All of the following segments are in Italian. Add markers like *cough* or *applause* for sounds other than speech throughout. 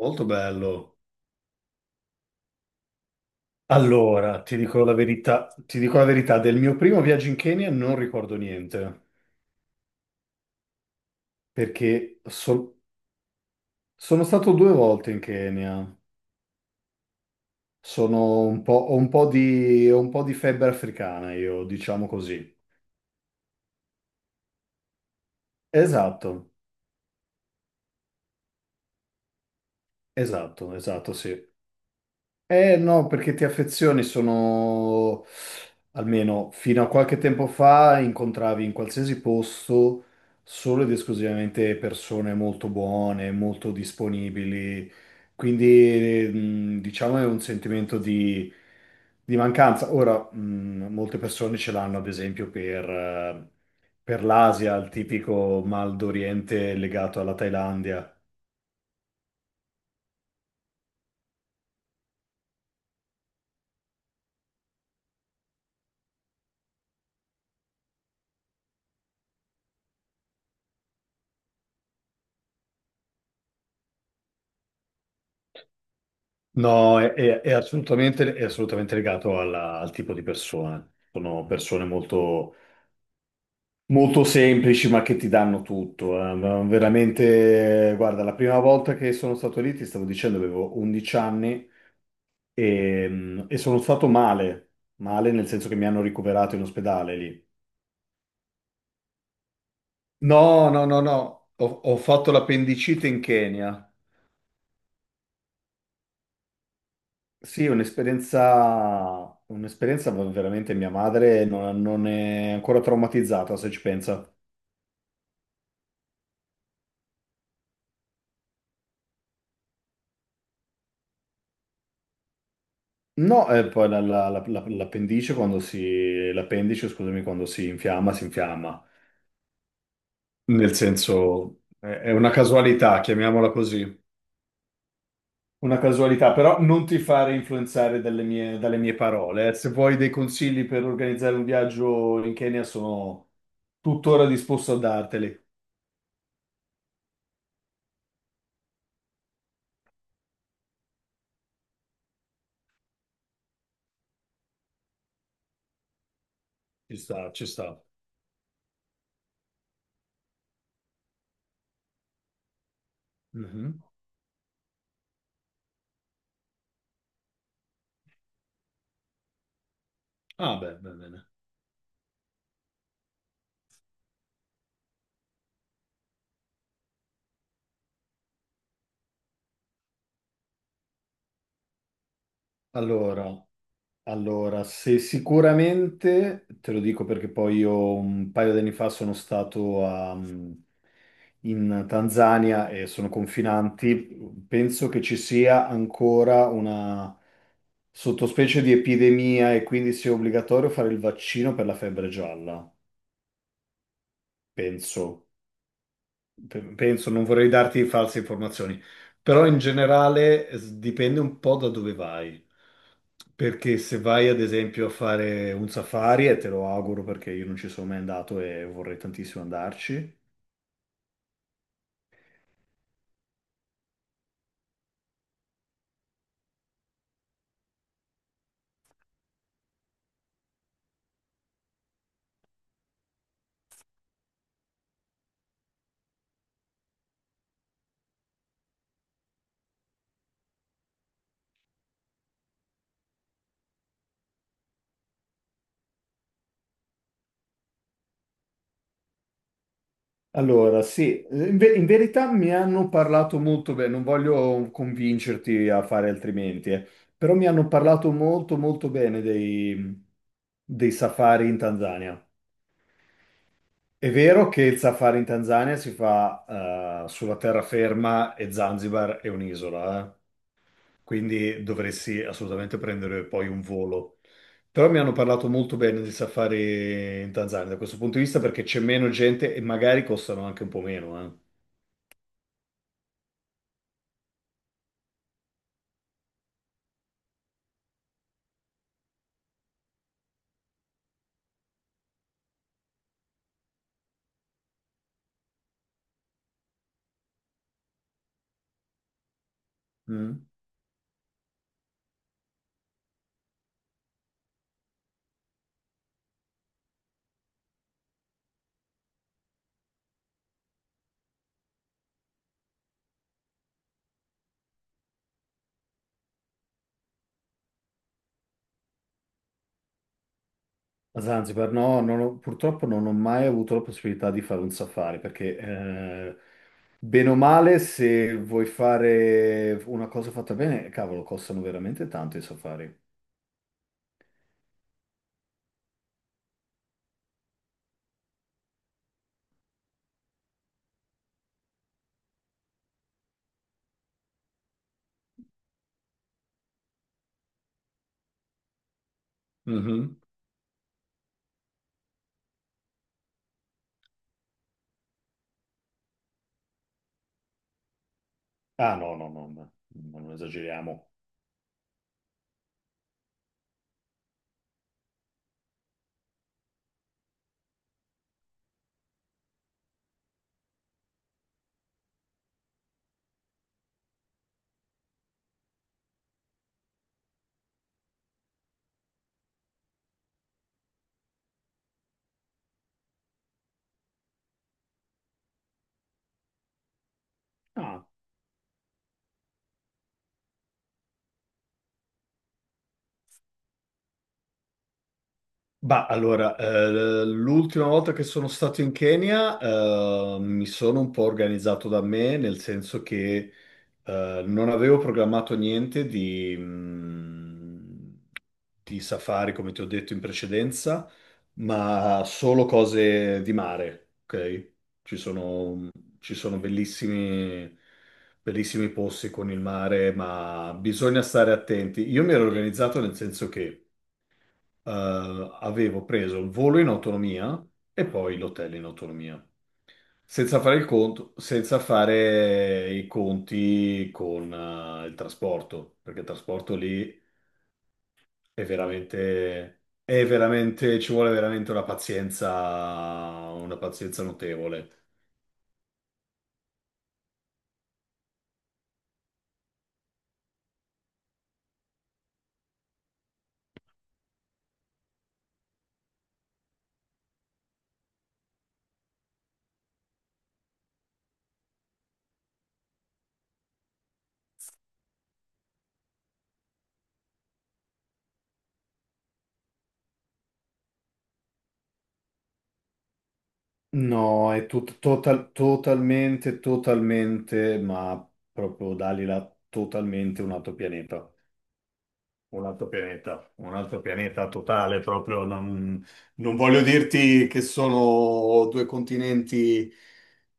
Molto bello. Allora, ti dico la verità, ti dico la verità, del mio primo viaggio in Kenya non ricordo niente, perché sono stato due volte in Kenya, sono un po', ho un po' di febbre africana io, diciamo così. Esatto, esatto, esatto, sì. Eh no, perché ti affezioni sono, almeno fino a qualche tempo fa, incontravi in qualsiasi posto solo ed esclusivamente persone molto buone, molto disponibili, quindi diciamo è un sentimento di mancanza. Ora, molte persone ce l'hanno ad esempio per l'Asia, il tipico mal d'Oriente legato alla Thailandia. No, è assolutamente legato al tipo di persona. Sono persone molto, molto semplici, ma che ti danno tutto. Ma veramente, guarda, la prima volta che sono stato lì, ti stavo dicendo, avevo 11 anni e sono stato male, nel senso che mi hanno ricoverato in ospedale lì. No, no, no, no, ho fatto l'appendicite in Kenya. Sì, un'esperienza veramente mia madre non è ancora traumatizzata, se ci pensa. No, e poi l'appendice quando si, l'appendice, scusami, quando si infiamma, si infiamma. Nel senso, è una casualità, chiamiamola così. Una casualità, però non ti fare influenzare dalle mie, parole. Se vuoi dei consigli per organizzare un viaggio in Kenya, sono tuttora disposto a darteli. Ci sta, ci sta. Mhm. Ah, beh, bene. Allora, allora, se sicuramente, te lo dico perché poi io un paio di anni fa sono stato in Tanzania e sono confinanti, penso che ci sia ancora una sottospecie di epidemia e quindi sia obbligatorio fare il vaccino per la febbre gialla, penso. Penso, non vorrei darti false informazioni, però in generale dipende un po' da dove vai. Perché se vai ad esempio a fare un safari, e te lo auguro perché io non ci sono mai andato e vorrei tantissimo andarci. Allora, sì, in verità mi hanno parlato molto bene, non voglio convincerti a fare altrimenti, però mi hanno parlato molto molto bene dei safari in Tanzania. È vero che il safari in Tanzania si fa sulla terraferma e Zanzibar è un'isola. Quindi dovresti assolutamente prendere poi un volo. Però mi hanno parlato molto bene di safari in Tanzania da questo punto di vista perché c'è meno gente e magari costano anche un po' meno. Mm. A Zanzibar no, non ho- purtroppo non ho mai avuto la possibilità di fare un safari perché bene o male se vuoi fare una cosa fatta bene, cavolo, costano veramente tanto i safari. Mhm. Ah, no, no, no, no, non esageriamo. Ah. Bah, allora, l'ultima volta che sono stato in Kenya, mi sono un po' organizzato da me, nel senso che non avevo programmato niente di safari, come ti ho detto in precedenza, ma solo cose di mare, ok? Ci sono, ci sono bellissimi, bellissimi posti con il mare, ma bisogna stare attenti. Io mi ero organizzato nel senso che avevo preso il volo in autonomia e poi l'hotel in autonomia senza fare il conto, senza fare i conti con il trasporto, perché il trasporto lì ci vuole veramente una pazienza notevole. No, è totalmente, ma proprio Dalila, totalmente un altro pianeta. Un altro pianeta, un altro pianeta totale proprio. Non voglio dirti che sono due continenti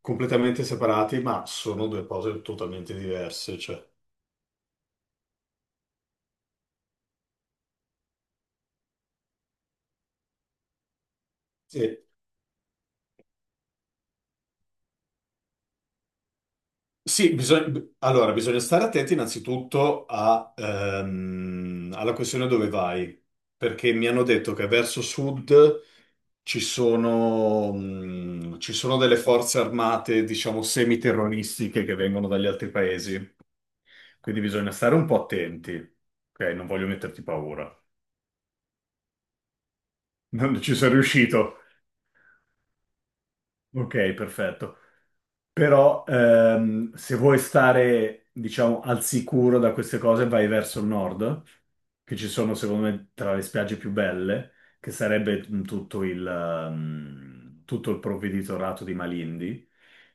completamente separati, ma sono due cose totalmente diverse. Cioè, sì, sì, allora bisogna stare attenti innanzitutto alla questione dove vai, perché mi hanno detto che verso sud ci sono delle forze armate, diciamo, semiterroristiche che vengono dagli altri paesi. Quindi bisogna stare un po' attenti. Ok, non voglio metterti paura. *laughs* Non ci sono riuscito. Ok, perfetto. Però se vuoi stare, diciamo, al sicuro da queste cose, vai verso il nord, che ci sono, secondo me, tra le spiagge più belle, che sarebbe tutto il provveditorato di Malindi.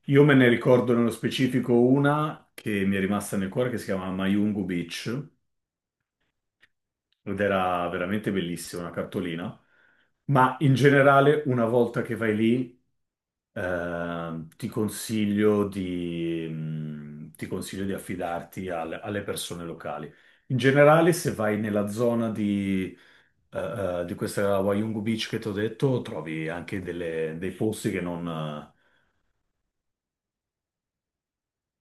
Io me ne ricordo nello specifico una che mi è rimasta nel cuore, che si chiama Mayungu Beach ed era veramente bellissima una cartolina. Ma in generale, una volta che vai lì, ti consiglio di affidarti alle persone locali. In generale, se vai nella zona eh, di questa Wayungu Beach che ti ho detto, trovi anche dei posti che non...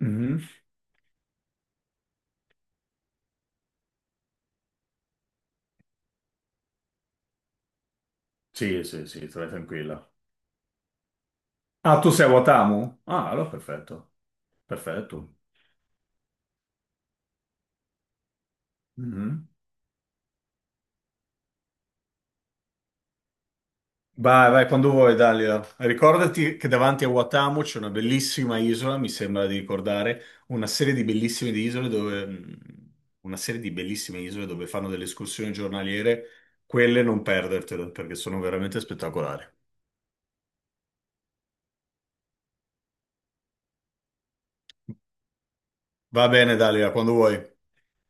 Mhm. Sì, sì, sì, stai tranquilla. Ah, tu sei a Watamu? Ah, allora perfetto, perfetto. Mhm. Vai, vai, quando vuoi, Dalila. Ricordati che davanti a Watamu c'è una bellissima isola, mi sembra di ricordare, una serie di bellissime di isole dove, mh, una serie di bellissime isole dove fanno delle escursioni giornaliere. Quelle non perdertele, perché sono veramente spettacolari. Va bene, Dalila, quando vuoi.